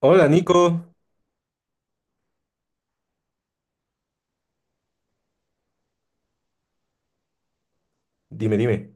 Hola Nico, dime.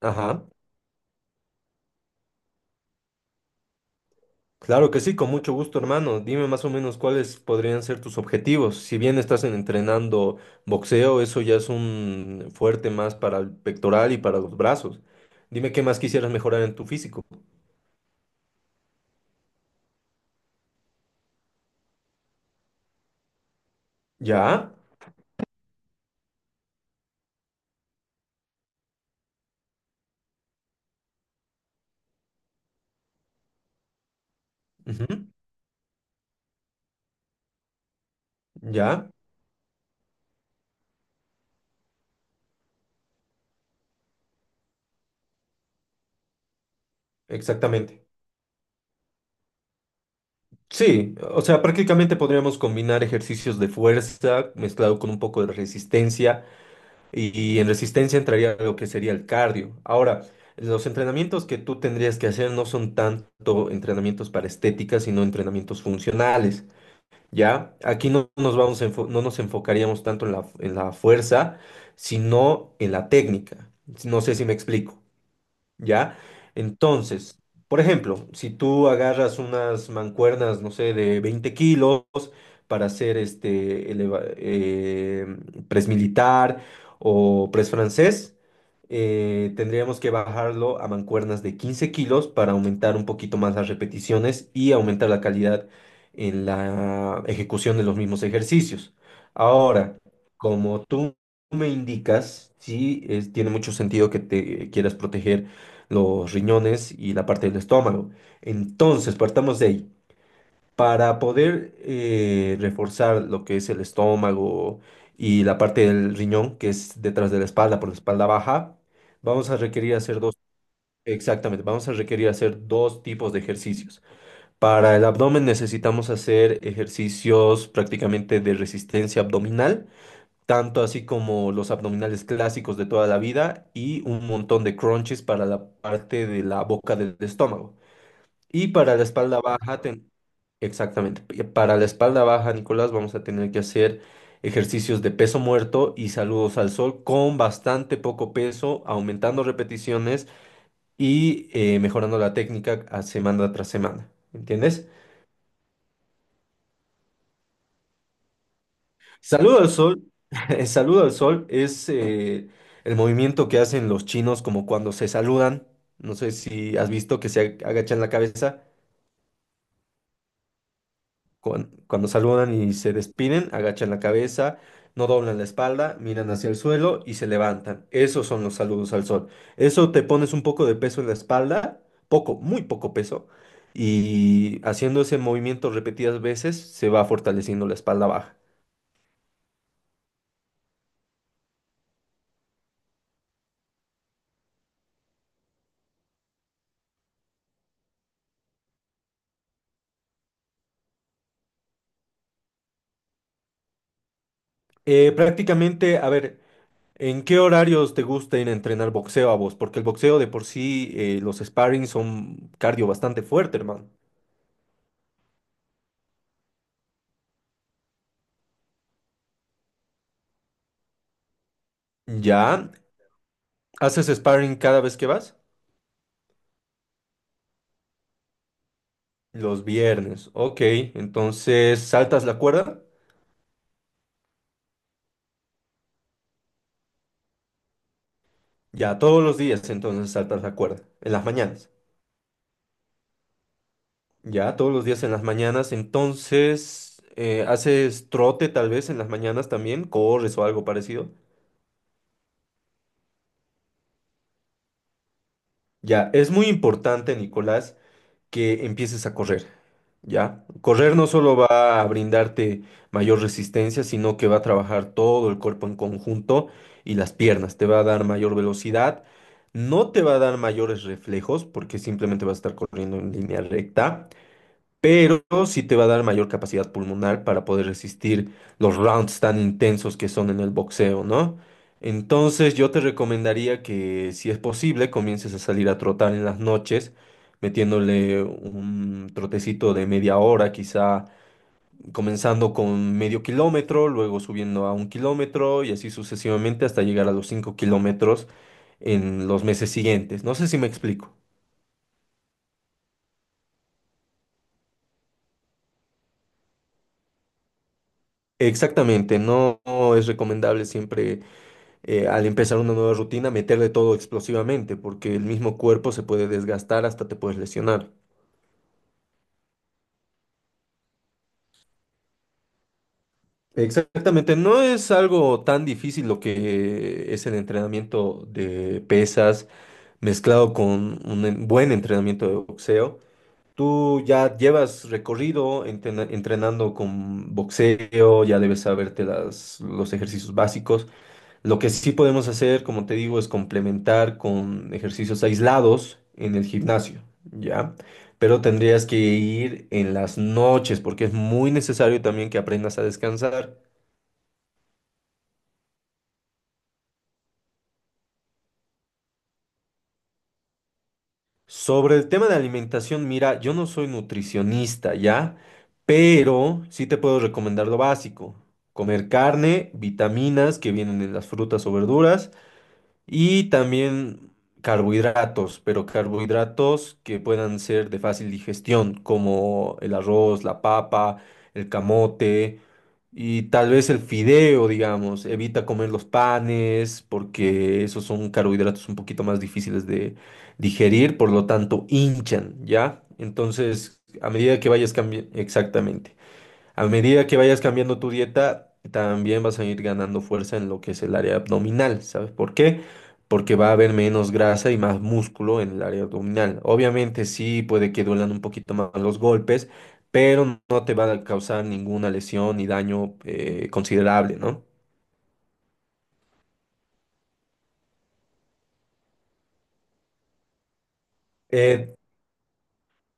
Ajá, claro que sí, con mucho gusto hermano. Dime más o menos cuáles podrían ser tus objetivos. Si bien estás entrenando boxeo, eso ya es un fuerte más para el pectoral y para los brazos. Dime qué más quisieras mejorar en tu físico. Ya, ujú, ya, exactamente. Sí, o sea, prácticamente podríamos combinar ejercicios de fuerza mezclado con un poco de resistencia. Y en resistencia entraría lo que sería el cardio. Ahora, los entrenamientos que tú tendrías que hacer no son tanto entrenamientos para estética, sino entrenamientos funcionales, ¿ya? Aquí no nos vamos a enfo- no nos enfocaríamos tanto en la fuerza, sino en la técnica. No sé si me explico. ¿Ya? Entonces, por ejemplo, si tú agarras unas mancuernas, no sé, de 20 kilos para hacer press militar o press francés, tendríamos que bajarlo a mancuernas de 15 kilos para aumentar un poquito más las repeticiones y aumentar la calidad en la ejecución de los mismos ejercicios. Ahora, como tú me indicas, tiene mucho sentido que te quieras proteger los riñones y la parte del estómago. Entonces, partamos de ahí. Para poder reforzar lo que es el estómago y la parte del riñón, que es detrás de la espalda, por la espalda baja, vamos a requerir hacer dos, exactamente, vamos a requerir hacer dos tipos de ejercicios. Para el abdomen necesitamos hacer ejercicios prácticamente de resistencia abdominal tanto así como los abdominales clásicos de toda la vida y un montón de crunches para la parte de la boca del estómago. Y para la espalda baja, ten- exactamente, y para la espalda baja, Nicolás, vamos a tener que hacer ejercicios de peso muerto y saludos al sol con bastante poco peso, aumentando repeticiones y mejorando la técnica a semana tras semana. ¿Entiendes? Saludo al sol. El saludo al sol es el movimiento que hacen los chinos como cuando se saludan. No sé si has visto que agachan la cabeza. Cuando saludan y se despiden, agachan la cabeza, no doblan la espalda, miran hacia el suelo y se levantan. Esos son los saludos al sol. Eso te pones un poco de peso en la espalda, poco, muy poco peso, y haciendo ese movimiento repetidas veces se va fortaleciendo la espalda baja. Prácticamente, a ver. ¿En qué horarios te gusta ir a entrenar boxeo a vos? Porque el boxeo de por sí, los sparring son cardio bastante fuerte, hermano. ¿Ya? ¿Haces sparring cada vez que vas? Los viernes. Ok, entonces saltas la cuerda. Ya, todos los días entonces saltas la cuerda. En las mañanas. Ya, todos los días en las mañanas. Entonces, haces trote tal vez en las mañanas también. Corres o algo parecido. Ya, es muy importante, Nicolás, que empieces a correr. ¿Ya? Correr no solo va a brindarte mayor resistencia, sino que va a trabajar todo el cuerpo en conjunto y las piernas, te va a dar mayor velocidad, no te va a dar mayores reflejos porque simplemente vas a estar corriendo en línea recta, pero sí te va a dar mayor capacidad pulmonar para poder resistir los rounds tan intensos que son en el boxeo, ¿no? Entonces yo te recomendaría que si es posible comiences a salir a trotar en las noches, metiéndole un trotecito de media hora, quizá comenzando con medio kilómetro, luego subiendo a un kilómetro y así sucesivamente hasta llegar a los 5 kilómetros en los meses siguientes. No sé si me explico. Exactamente, no es recomendable siempre al empezar una nueva rutina, meterle todo explosivamente, porque el mismo cuerpo se puede desgastar hasta te puedes lesionar. Exactamente, no es algo tan difícil lo que es el entrenamiento de pesas mezclado con buen entrenamiento de boxeo. Tú ya llevas recorrido entrenando con boxeo, ya debes saberte los ejercicios básicos. Lo que sí podemos hacer, como te digo, es complementar con ejercicios aislados en el gimnasio, ¿ya? Pero tendrías que ir en las noches porque es muy necesario también que aprendas a descansar. Sobre el tema de alimentación, mira, yo no soy nutricionista, ¿ya? Pero sí te puedo recomendar lo básico. Comer carne, vitaminas que vienen en las frutas o verduras. Y también carbohidratos, pero carbohidratos que puedan ser de fácil digestión, como el arroz, la papa, el camote y tal vez el fideo, digamos. Evita comer los panes porque esos son carbohidratos un poquito más difíciles de digerir, por lo tanto hinchan, ¿ya? Entonces, a medida que vayas cambiando, exactamente. A medida que vayas cambiando tu dieta, también vas a ir ganando fuerza en lo que es el área abdominal. ¿Sabes por qué? Porque va a haber menos grasa y más músculo en el área abdominal. Obviamente sí puede que duelan un poquito más los golpes, pero no te va a causar ninguna lesión ni daño considerable, ¿no? Eh,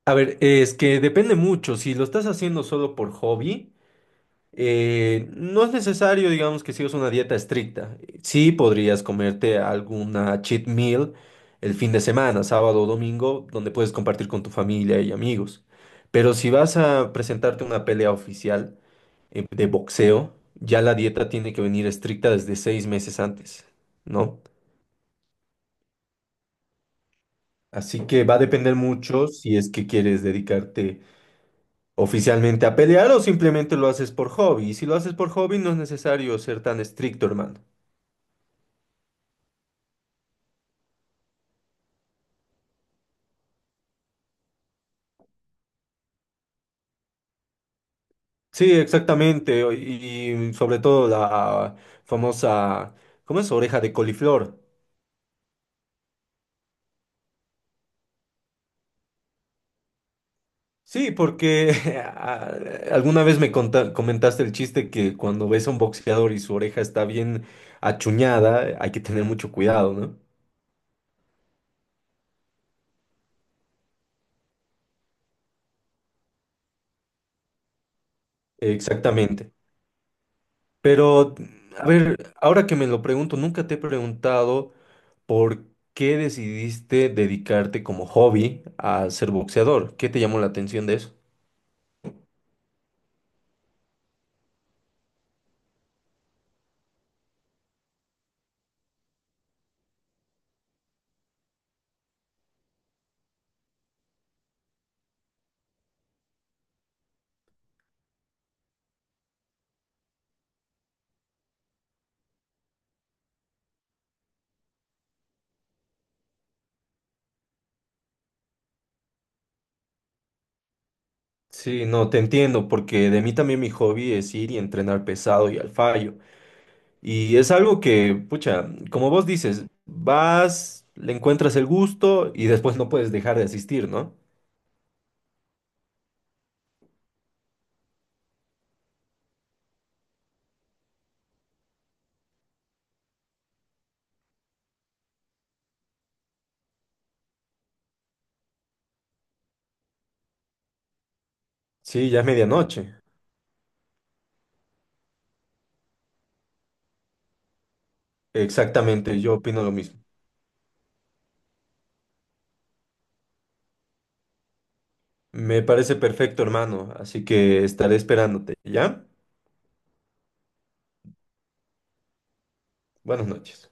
a ver, es que depende mucho. Si lo estás haciendo solo por hobby. No es necesario, digamos, que sigas una dieta estricta. Sí podrías comerte alguna cheat meal el fin de semana, sábado o domingo, donde puedes compartir con tu familia y amigos. Pero si vas a presentarte una pelea oficial, de boxeo, ya la dieta tiene que venir estricta desde 6 meses antes, ¿no? Así que va a depender mucho si es que quieres dedicarte oficialmente a pelear o simplemente lo haces por hobby. Y si lo haces por hobby, no es necesario ser tan estricto, hermano. Sí, exactamente. Y sobre todo la famosa, ¿cómo es? Oreja de coliflor. Sí, porque a- alguna vez comentaste el chiste que cuando ves a un boxeador y su oreja está bien achuñada, hay que tener mucho cuidado, ¿no? Exactamente. Pero, a ver, ahora que me lo pregunto, nunca te he preguntado por qué decidiste dedicarte como hobby a ser boxeador. ¿Qué te llamó la atención de eso? Sí, no, te entiendo, porque de mí también mi hobby es ir y entrenar pesado y al fallo. Y es algo que, pucha, como vos dices, vas, le encuentras el gusto y después no puedes dejar de asistir, ¿no? Sí, ya es medianoche. Exactamente, yo opino lo mismo. Me parece perfecto, hermano, así que estaré esperándote, ¿ya? Buenas noches.